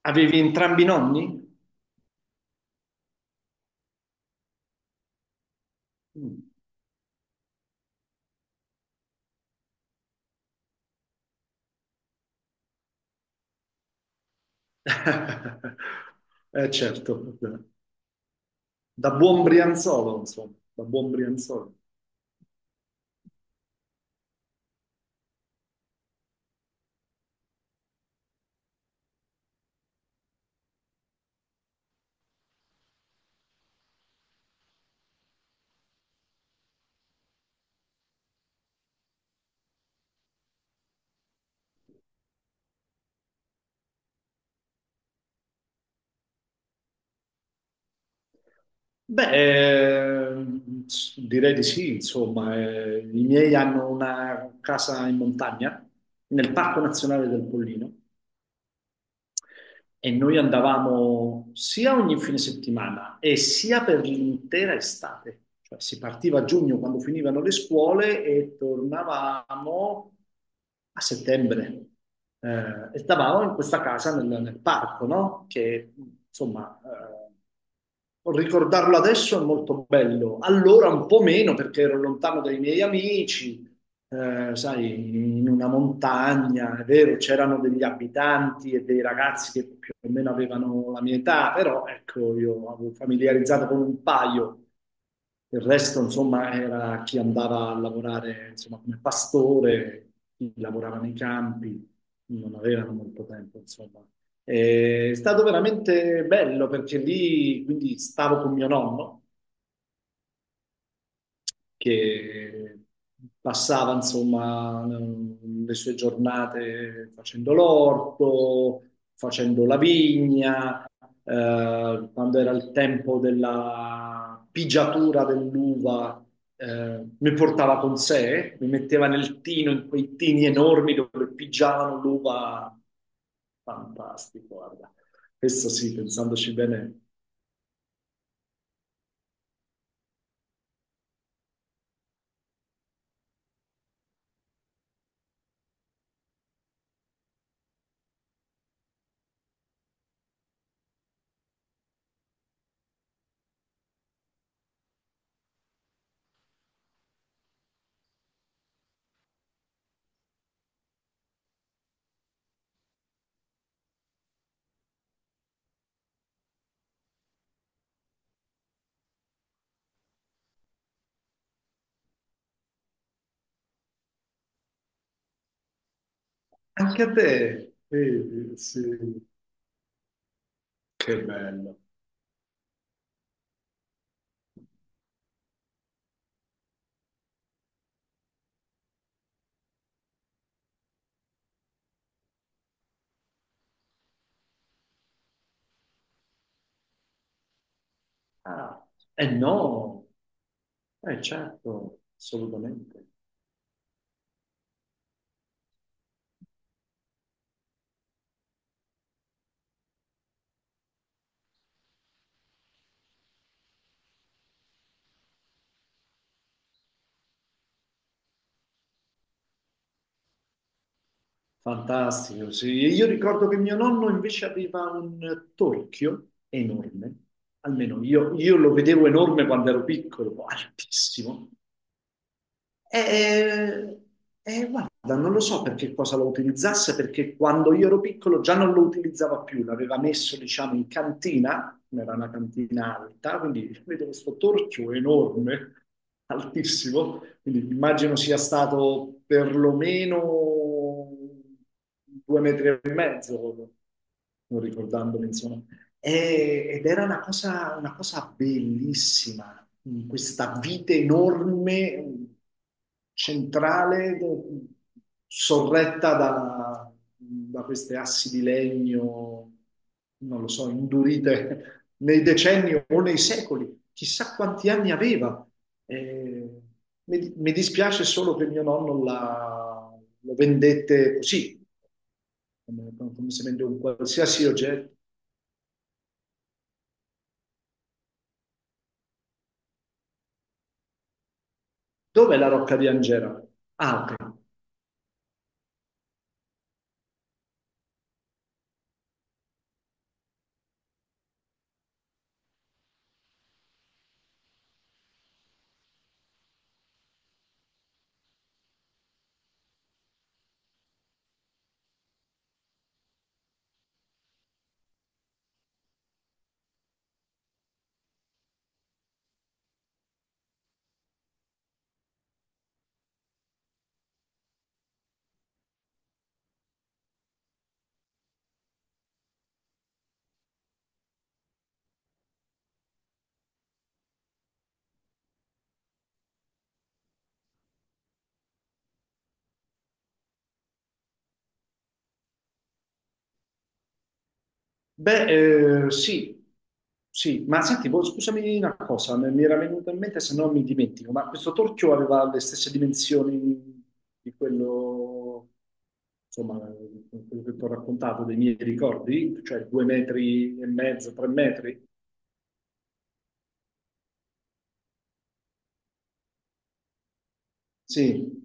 Avevi entrambi i nonni? Mm. Eh certo, da buon brianzolo, insomma, da buon brianzolo. Beh, direi di sì, insomma, i miei hanno una casa in montagna, nel Parco Nazionale del Pollino. E noi andavamo sia ogni fine settimana e sia per l'intera estate. Cioè, si partiva a giugno quando finivano le scuole e tornavamo a settembre. E stavamo in questa casa nel parco, no? Che insomma, ricordarlo adesso è molto bello. Allora un po' meno perché ero lontano dai miei amici, sai, in una montagna, è vero, c'erano degli abitanti e dei ragazzi che più o meno avevano la mia età, però ecco, io avevo familiarizzato con un paio. Il resto, insomma, era chi andava a lavorare, insomma, come pastore, chi lavorava nei campi, non avevano molto tempo, insomma. È stato veramente bello perché lì, quindi, stavo con mio nonno che passava insomma le sue giornate facendo l'orto, facendo la vigna, quando era il tempo della pigiatura dell'uva, mi portava con sé, mi metteva nel tino, in quei tini enormi dove pigiavano l'uva. Fantastico, guarda. Questo sì, pensandoci bene, anche a te. Sì, sì, che bello. Ah, eh no, eh certo, assolutamente. Fantastico, sì. Io ricordo che mio nonno invece aveva un torchio enorme, almeno io, lo vedevo enorme quando ero piccolo, altissimo. E, e guarda, non lo so per che cosa lo utilizzasse, perché quando io ero piccolo già non lo utilizzava più, l'aveva messo, diciamo, in cantina, era una cantina alta, quindi vedo questo torchio enorme, altissimo, quindi immagino sia stato perlomeno 2,5 m, non ricordandomi, insomma. Ed era una cosa bellissima, questa vite enorme, centrale, sorretta da queste assi di legno, non lo so, indurite nei decenni o nei secoli, chissà quanti anni aveva. Eh, mi dispiace solo che mio nonno lo vendette così, come, come se vende un qualsiasi oggetto. Dov'è la Rocca di Angera? Ah, ok. Beh, sì, sì, ma senti, boh, scusami una cosa, mi era venuta in mente se no mi dimentico, ma questo torchio aveva le stesse dimensioni di quello, insomma, quello che ti ho raccontato dei miei ricordi, cioè 2,5 m, 3 m? Sì.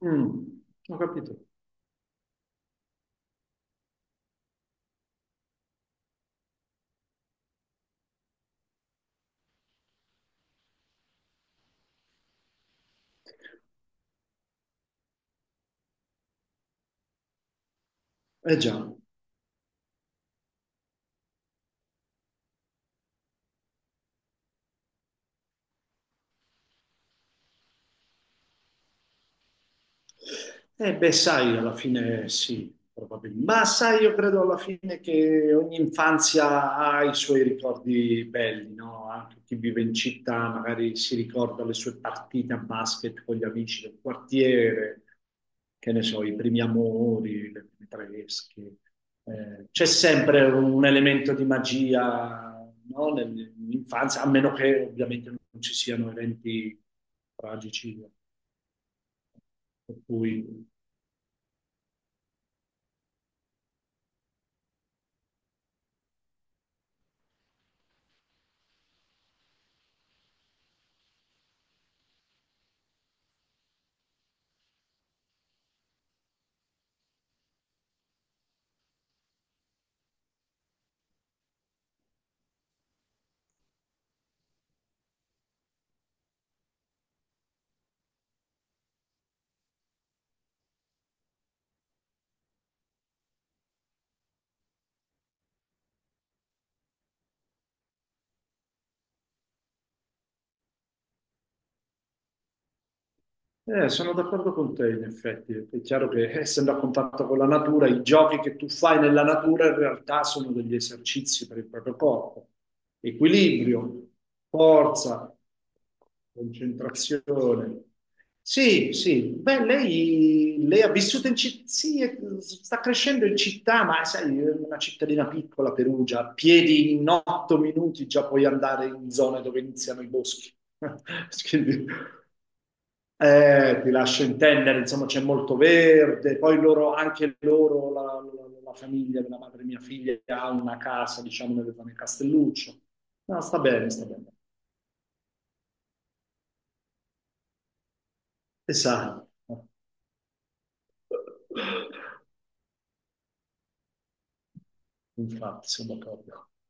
Mm, ho capito. Eh già. Eh beh, sai, alla fine sì, probabilmente. Ma sai, io credo alla fine che ogni infanzia ha i suoi ricordi belli, no? Anche chi vive in città magari si ricorda le sue partite a basket con gli amici del quartiere, che ne so, i primi amori, le prime tresche. C'è sempre un elemento di magia, no? Nell'infanzia, a meno che ovviamente non ci siano eventi tragici, per cui... sono d'accordo con te, in effetti. È chiaro che essendo a contatto con la natura, i giochi che tu fai nella natura in realtà sono degli esercizi per il proprio corpo. Equilibrio, forza, concentrazione. Sì, sì. Beh, lei ha vissuto in città, sì, sta crescendo in città, ma sai, è una cittadina piccola, Perugia, a piedi in 8 minuti già puoi andare in zone dove iniziano i boschi. Quindi... ti lascio intendere, insomma, c'è molto verde, poi loro, anche loro, la famiglia della madre di mia figlia ha una casa, diciamo, nel Castelluccio. No, sta bene, sta bene. E sa, infatti, sono d'accordo.